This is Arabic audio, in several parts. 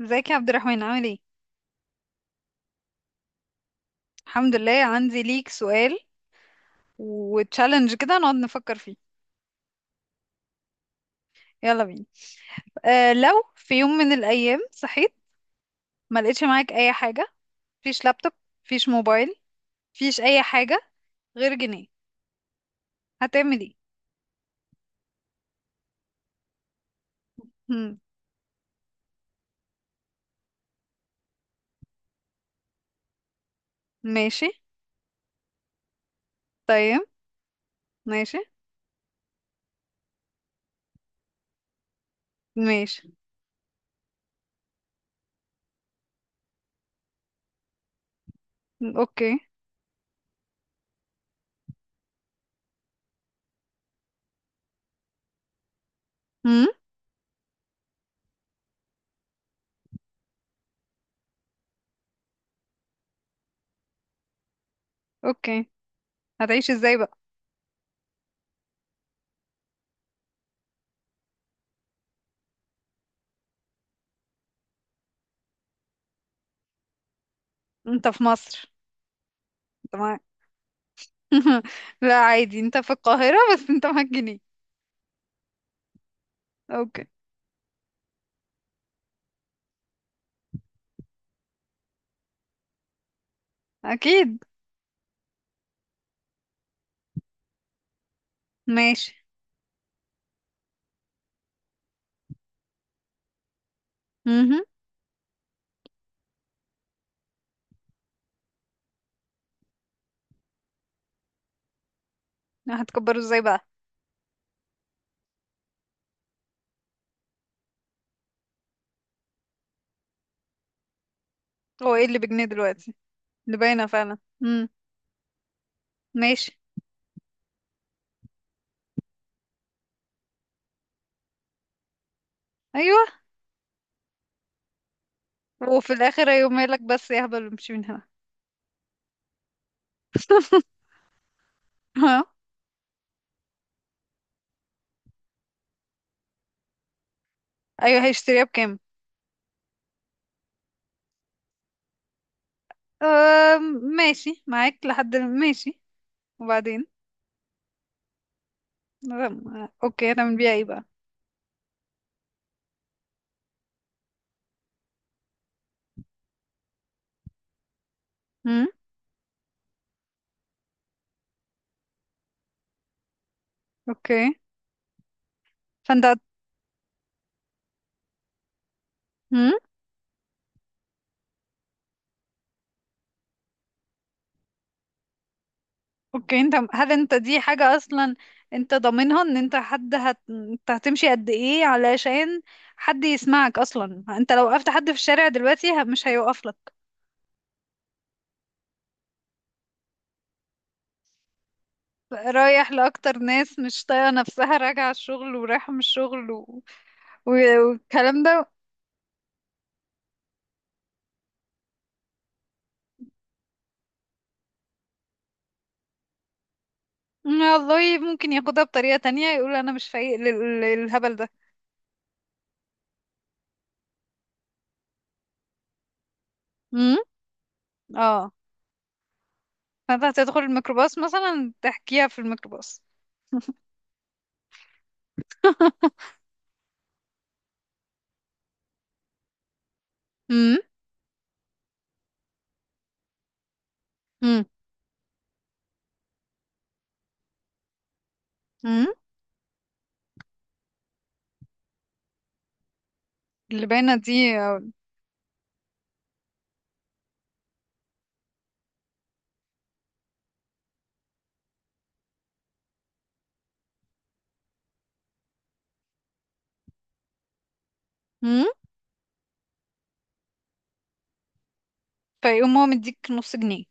ازيك يا عبد الرحمن، عامل ايه؟ الحمد لله. عندي ليك سؤال وتشالنج كده نقعد نفكر فيه. يلا بينا. لو في يوم من الايام صحيت ما لقيتش معاك اي حاجه، فيش لابتوب، فيش موبايل، فيش اي حاجه غير جنيه، هتعمل ايه؟ هم، ماشي. طيب. ماشي. ماشي. اوكي. هم، اوكي. هتعيش ازاي بقى؟ انت في مصر. انت معاك لا، عادي، انت في القاهره بس انت معاك جنيه. اوكي. اكيد. ماشي. مهم. هتكبره ازاي بقى؟ هو ايه اللي بجنيه دلوقتي؟ اللي باينه فعلا. امم. ماشي. ايوه. وفي الاخر، ايوه، مالك بس يا هبل؟ امشي من هنا. ها. ايوه، هيشتريها بكام؟ أم، ماشي معاك لحد. ماشي. وبعدين؟ أم، اوكي، هتعمل بيها ايه بقى؟ امم. اوكي. فانت. امم. اوكي. انت، هل انت دي حاجه اصلا؟ انت ضامنها ان انت حد انت هتمشي قد ايه علشان حد يسمعك اصلا؟ انت لو وقفت حد في الشارع دلوقتي مش هيوقف لك. رايح لأكتر ناس مش طايقة نفسها، راجعة الشغل ورايحة من الشغل والكلام ده. والله ممكن ياخدها بطريقة تانية، يقول أنا مش فايق للهبل ده. امم. اه. فانت هتدخل الميكروباص مثلا، تحكيها في الميكروباص؟ امم. امم. امم. اللي باينة دي. امم. فيقوم هو مديك نص جنيه؟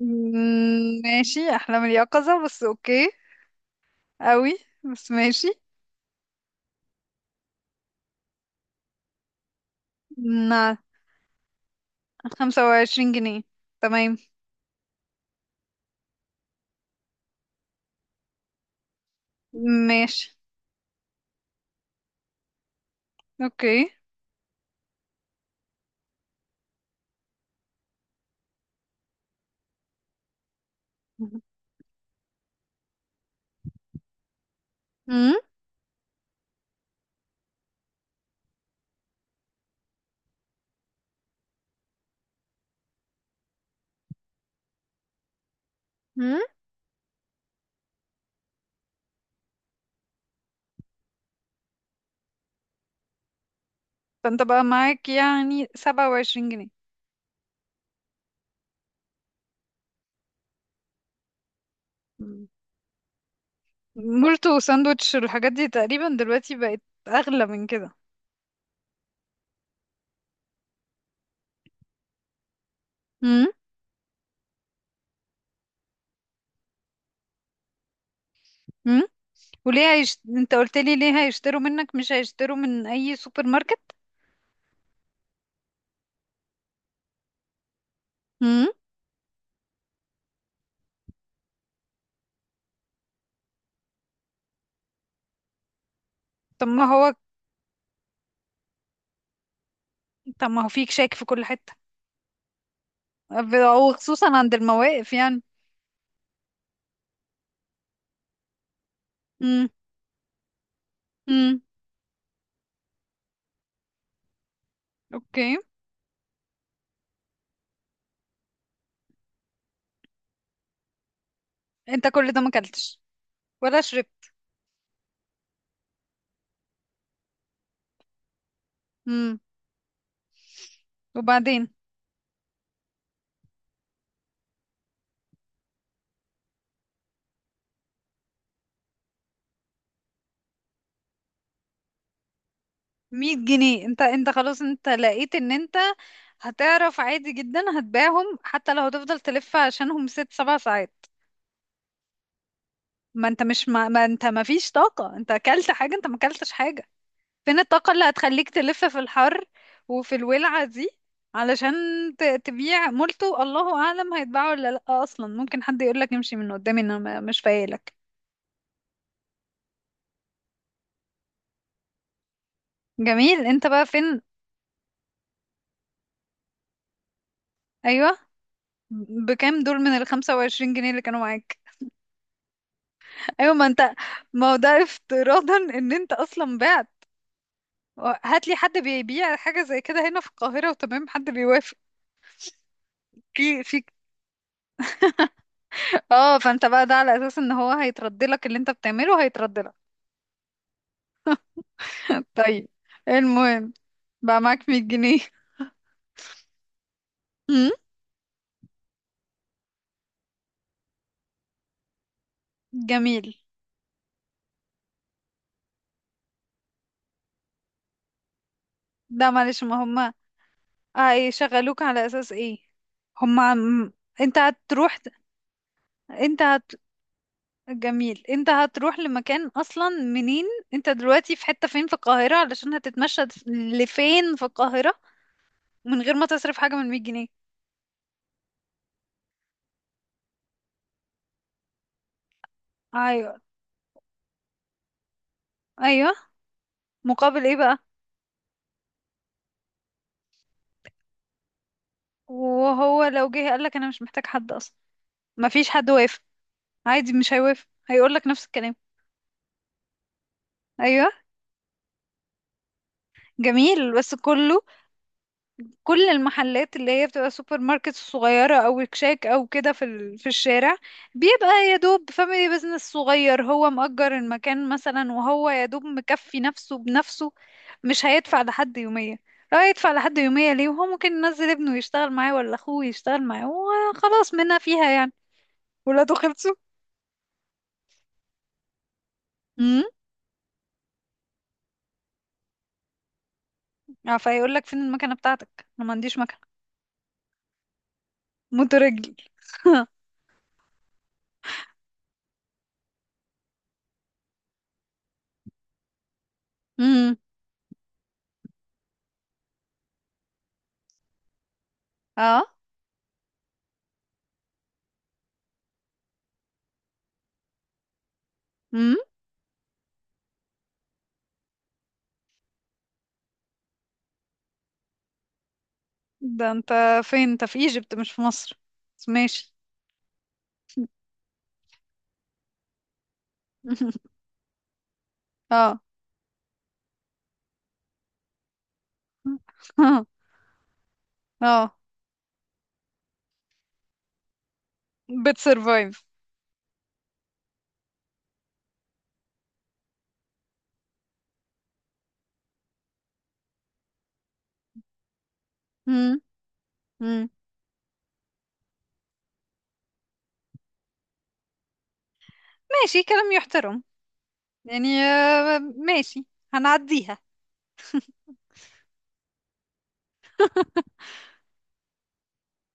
ماشي، أحلام اليقظة، بس أوكي. أوي. بس ماشي. نعم. خمسة وعشرين جنيه. تمام. ماشي. اوكي. امم. امم. فانت بقى معاك يعني سبعة وعشرين جنيه؟ مم. مولتو وساندوتش والحاجات دي تقريبا دلوقتي بقت اغلى من كده. امم. امم. وليه انت قلت لي ليه هيشتروا منك، مش هيشتروا من اي سوبر ماركت؟ امم. طب ما هو طب ما هو فيك شاك في كل حتة، وخصوصا عند المواقف، يعني. امم. امم. اوكي. انت كل ده ما اكلتش ولا شربت؟ امم. وبعدين؟ مية جنيه؟ انت خلاص، انت لقيت ان انت هتعرف عادي جدا هتبيعهم، حتى لو هتفضل تلف عشانهم ست سبع ساعات؟ ما انت مش ما انت ما فيش طاقة. انت اكلت حاجة؟ انت ما اكلتش حاجة. فين الطاقة اللي هتخليك تلف في الحر وفي الولعة دي علشان تبيع مولتو؟ الله اعلم هيتباعوا ولا لا اصلا. ممكن حد يقولك امشي من قدامي، انا مش فايلك. جميل، انت بقى فين؟ ايوه، بكام دول من الخمسة وعشرين جنيه اللي كانوا معاك؟ ايوه، ما انت، ما هو ده افتراضا ان انت اصلا بعت. هات لي حد بيبيع حاجه زي كده هنا في القاهره وتمام حد بيوافق. في اه. فانت بقى ده على اساس ان هو هيترد لك، اللي انت بتعمله هيترد لك. طيب. المهم، بقى معاك 100 جنيه. أمم، جميل. ده معلش، ما هما هيشغلوك على اساس ايه؟ هما انت هتروح. انت. جميل، انت هتروح لمكان اصلا منين؟ انت دلوقتي في حتة فين في القاهرة، علشان هتتمشى لفين في القاهرة من غير ما تصرف حاجة من 100 جنيه؟ ايوه. ايوه. مقابل ايه بقى؟ وهو لو جه قالك انا مش محتاج حد اصلا؟ مفيش حد وافق؟ عادي مش هيوافق، هيقولك نفس الكلام. ايوه. جميل. بس كله، كل المحلات اللي هي بتبقى سوبر ماركت صغيرة او كشاك او كده في في الشارع، بيبقى يا دوب فاميلي بيزنس صغير. هو مأجر المكان مثلا، وهو يا دوب مكفي نفسه بنفسه، مش هيدفع لحد يومية. لو هيدفع لحد يومية ليه وهو ممكن ينزل ابنه يشتغل معاه ولا اخوه يشتغل معاه، وخلاص منها فيها يعني. ولاده خلصوا. امم. اه، فيقول لك فين المكنة بتاعتك؟ انا ما عنديش مكنة. مترجل. امم. اه. امم. ده انت فين؟ انت في ايجيبت مش في مصر، بس ماشي. اه. اه، بتسرفايف. مم. مم. ماشي، كلام يحترم، يعني ماشي. هنعديها.